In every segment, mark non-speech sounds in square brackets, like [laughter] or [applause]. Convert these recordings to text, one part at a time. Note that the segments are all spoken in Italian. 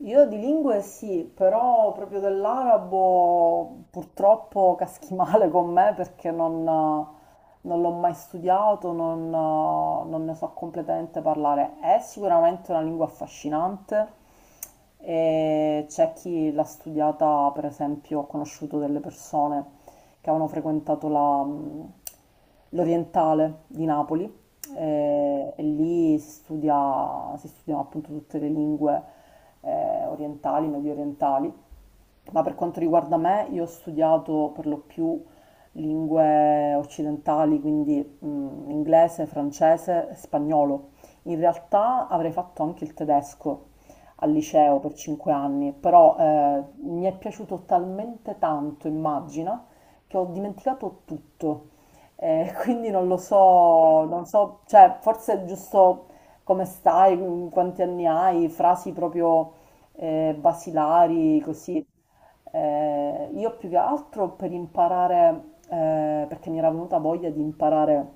Io di lingue sì, però proprio dell'arabo purtroppo caschi male con me perché non l'ho mai studiato, non ne so completamente parlare. È sicuramente una lingua affascinante e c'è chi l'ha studiata, per esempio, ho conosciuto delle persone che avevano frequentato l'Orientale di Napoli e lì si studia, si studiano appunto tutte le lingue orientali, medio orientali. Ma per quanto riguarda me, io ho studiato per lo più lingue occidentali, quindi inglese, francese, spagnolo. In realtà avrei fatto anche il tedesco al liceo per 5 anni, però mi è piaciuto talmente tanto, immagina, che ho dimenticato tutto. [laughs] Quindi non lo so, non so, cioè forse è giusto come stai, quanti anni hai, frasi proprio basilari, così. Io più che altro per imparare, perché mi era venuta voglia di imparare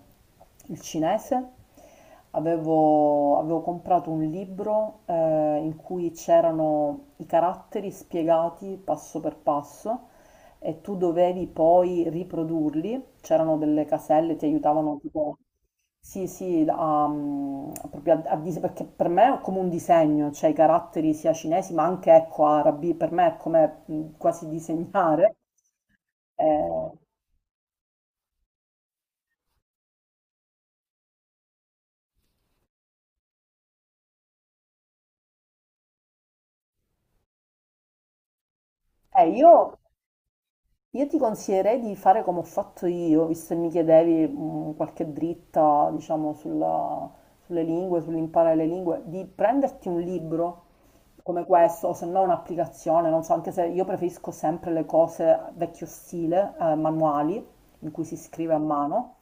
il cinese, avevo comprato un libro in cui c'erano i caratteri spiegati passo per passo e tu dovevi poi riprodurli, c'erano delle caselle, ti aiutavano tipo... Sì, sì, proprio a perché per me è come un disegno, cioè i caratteri sia cinesi ma anche ecco, arabi, per me è come quasi disegnare. Eh, eh, io Io ti consiglierei di fare come ho fatto io, visto che mi chiedevi qualche dritta, diciamo, sulle lingue, sull'imparare le lingue, di prenderti un libro come questo, o se no un'applicazione, non so, anche se io preferisco sempre le cose vecchio stile, manuali, in cui si scrive a mano,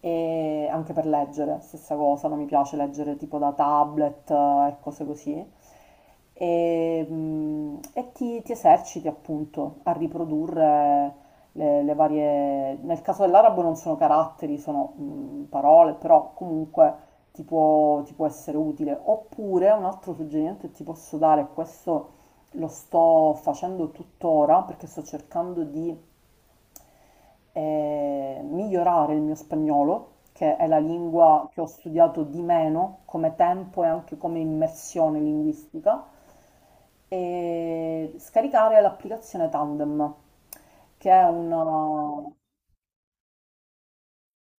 e anche per leggere, stessa cosa, non mi piace leggere tipo da tablet e cose così. E e ti eserciti appunto a riprodurre le varie... Nel caso dell'arabo non sono caratteri, sono parole, però comunque ti può essere utile. Oppure un altro suggerimento che ti posso dare, questo lo sto facendo tuttora perché sto cercando di migliorare il mio spagnolo, che è la lingua che ho studiato di meno come tempo e anche come immersione linguistica, e scaricare l'applicazione Tandem, che è una...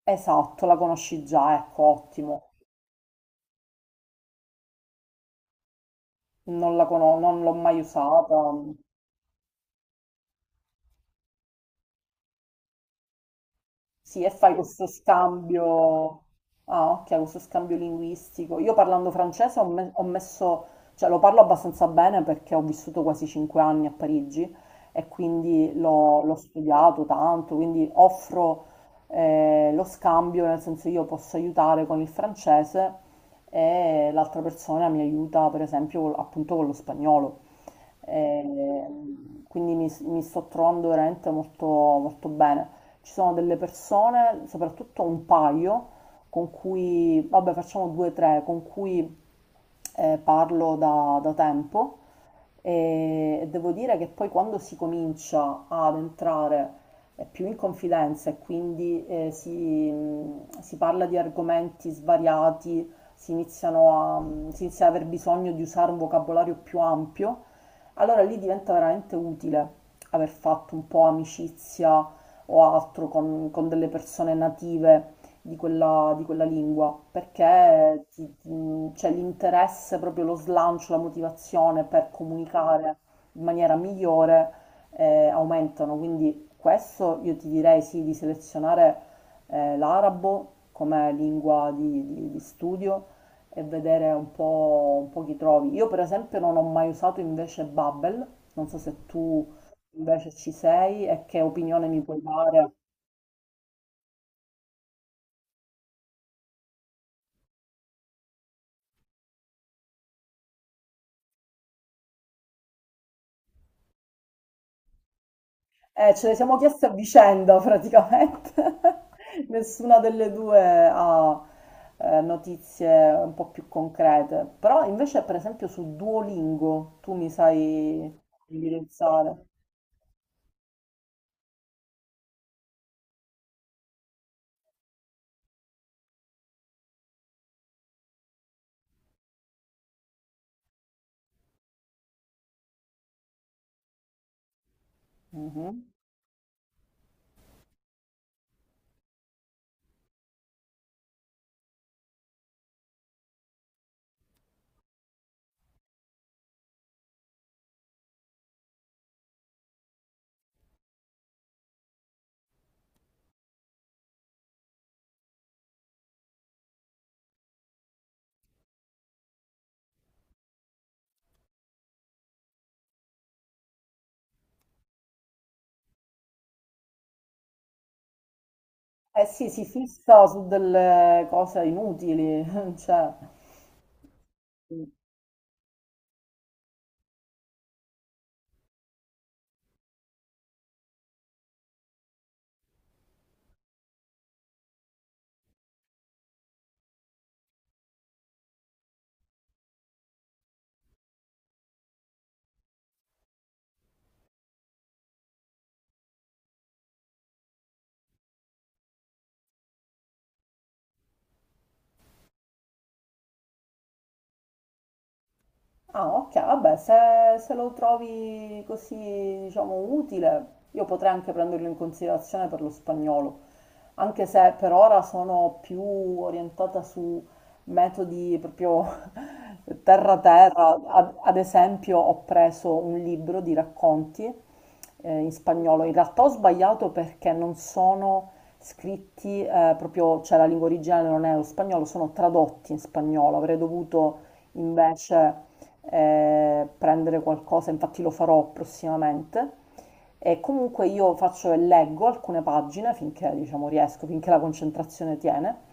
Esatto, la conosci già, ecco, ottimo. Non la conosco, non l'ho mai usata. Sì, e fai questo scambio, ah, ok, questo scambio linguistico. Io parlando francese ho messo, cioè lo parlo abbastanza bene perché ho vissuto quasi 5 anni a Parigi e quindi l'ho studiato tanto, quindi offro lo scambio, nel senso io posso aiutare con il francese e l'altra persona mi aiuta per esempio appunto con lo spagnolo. Quindi mi sto trovando veramente molto, molto bene. Ci sono delle persone, soprattutto un paio, con cui, vabbè, facciamo due o tre, con cui parlo da tempo e devo dire che poi quando si comincia ad entrare più in confidenza e quindi si parla di argomenti svariati, si inizia ad aver bisogno di usare un vocabolario più ampio, allora lì diventa veramente utile aver fatto un po' amicizia o altro con delle persone native di quella lingua, perché c'è l'interesse, proprio lo slancio, la motivazione per comunicare in maniera migliore aumentano. Quindi questo io ti direi sì di selezionare l'arabo come lingua di studio e vedere un po' chi trovi. Io per esempio non ho mai usato invece Bubble, non so se tu invece ci sei e che opinione mi puoi dare. Ce le siamo chieste a vicenda praticamente. [laughs] Nessuna delle due ha notizie un po' più concrete. Però invece per esempio su Duolingo tu mi sai indirizzare. Mhm. Eh sì, si fissa su delle cose inutili, [laughs] cioè. Ah, ok, vabbè, se lo trovi così, diciamo, utile, io potrei anche prenderlo in considerazione per lo spagnolo, anche se per ora sono più orientata su metodi proprio [laughs] terra-terra. Ad esempio, ho preso un libro di racconti in spagnolo. In realtà ho sbagliato perché non sono scritti proprio, cioè la lingua originale non è lo spagnolo, sono tradotti in spagnolo. Avrei dovuto invece prendere qualcosa, infatti lo farò prossimamente. E comunque io faccio e leggo alcune pagine finché diciamo riesco, finché la concentrazione tiene.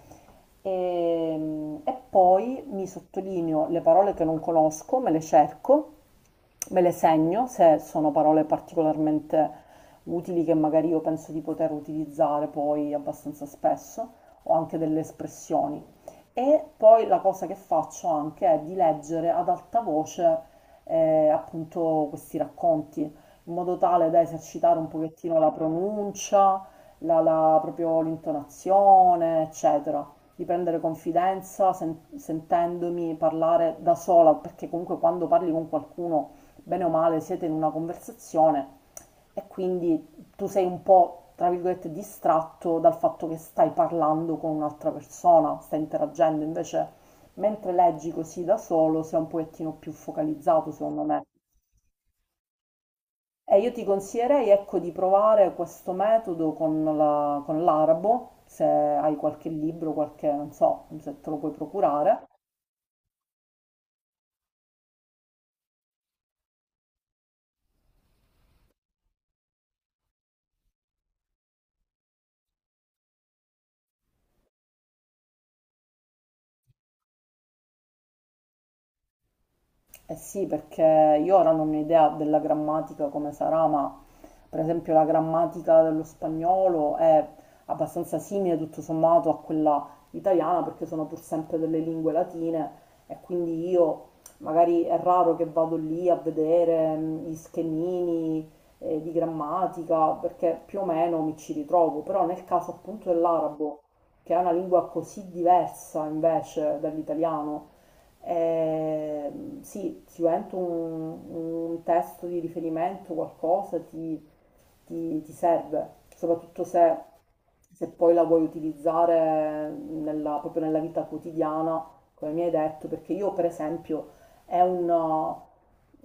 E poi mi sottolineo le parole che non conosco, me le cerco me le segno se sono parole particolarmente utili che magari io penso di poter utilizzare poi abbastanza spesso o anche delle espressioni. E poi la cosa che faccio anche è di leggere ad alta voce appunto questi racconti, in modo tale da esercitare un pochettino la pronuncia, proprio l'intonazione, eccetera, di prendere confidenza sentendomi parlare da sola, perché comunque quando parli con qualcuno bene o male siete in una conversazione e quindi tu sei un po', tra virgolette, distratto dal fatto che stai parlando con un'altra persona, stai interagendo, invece mentre leggi così da solo sei un pochettino più focalizzato, secondo me. E io ti consiglierei, ecco, di provare questo metodo con con l'arabo, se hai qualche libro, qualche, non so, se te lo puoi procurare. Eh sì, perché io ora non ho idea della grammatica come sarà, ma per esempio la grammatica dello spagnolo è abbastanza simile tutto sommato a quella italiana, perché sono pur sempre delle lingue latine e quindi io magari è raro che vado lì a vedere gli schemini di grammatica, perché più o meno mi ci ritrovo, però nel caso appunto dell'arabo, che è una lingua così diversa invece dall'italiano, eh, sì, sicuramente un testo di riferimento, qualcosa ti serve, soprattutto se poi la vuoi utilizzare proprio nella vita quotidiana, come mi hai detto, perché io per esempio è un,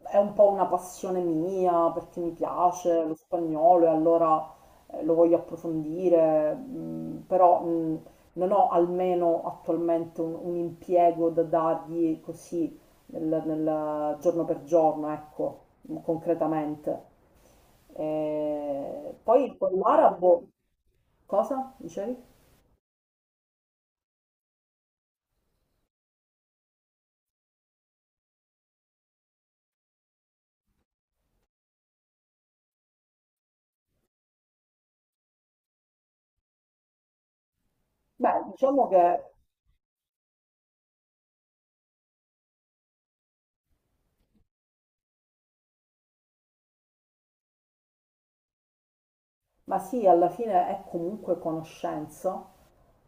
è un po' una passione mia perché mi piace lo spagnolo e allora lo voglio approfondire, però non ho almeno attualmente un impiego da dargli così nel giorno per giorno, ecco, concretamente. E poi con l'arabo, cosa dicevi? Beh, diciamo che, ma sì, alla fine è comunque conoscenza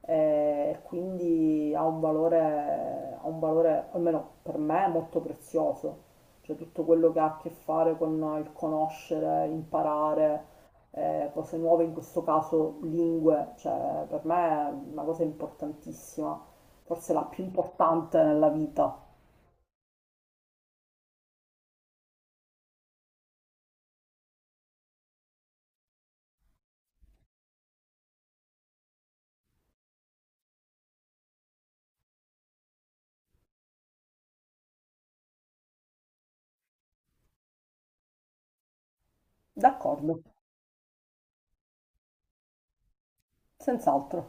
e quindi ha un valore, almeno per me, molto prezioso. Cioè tutto quello che ha a che fare con il conoscere, imparare, cose nuove, in questo caso lingue, cioè per me è una cosa importantissima, forse la più importante nella vita. D'accordo, senz'altro.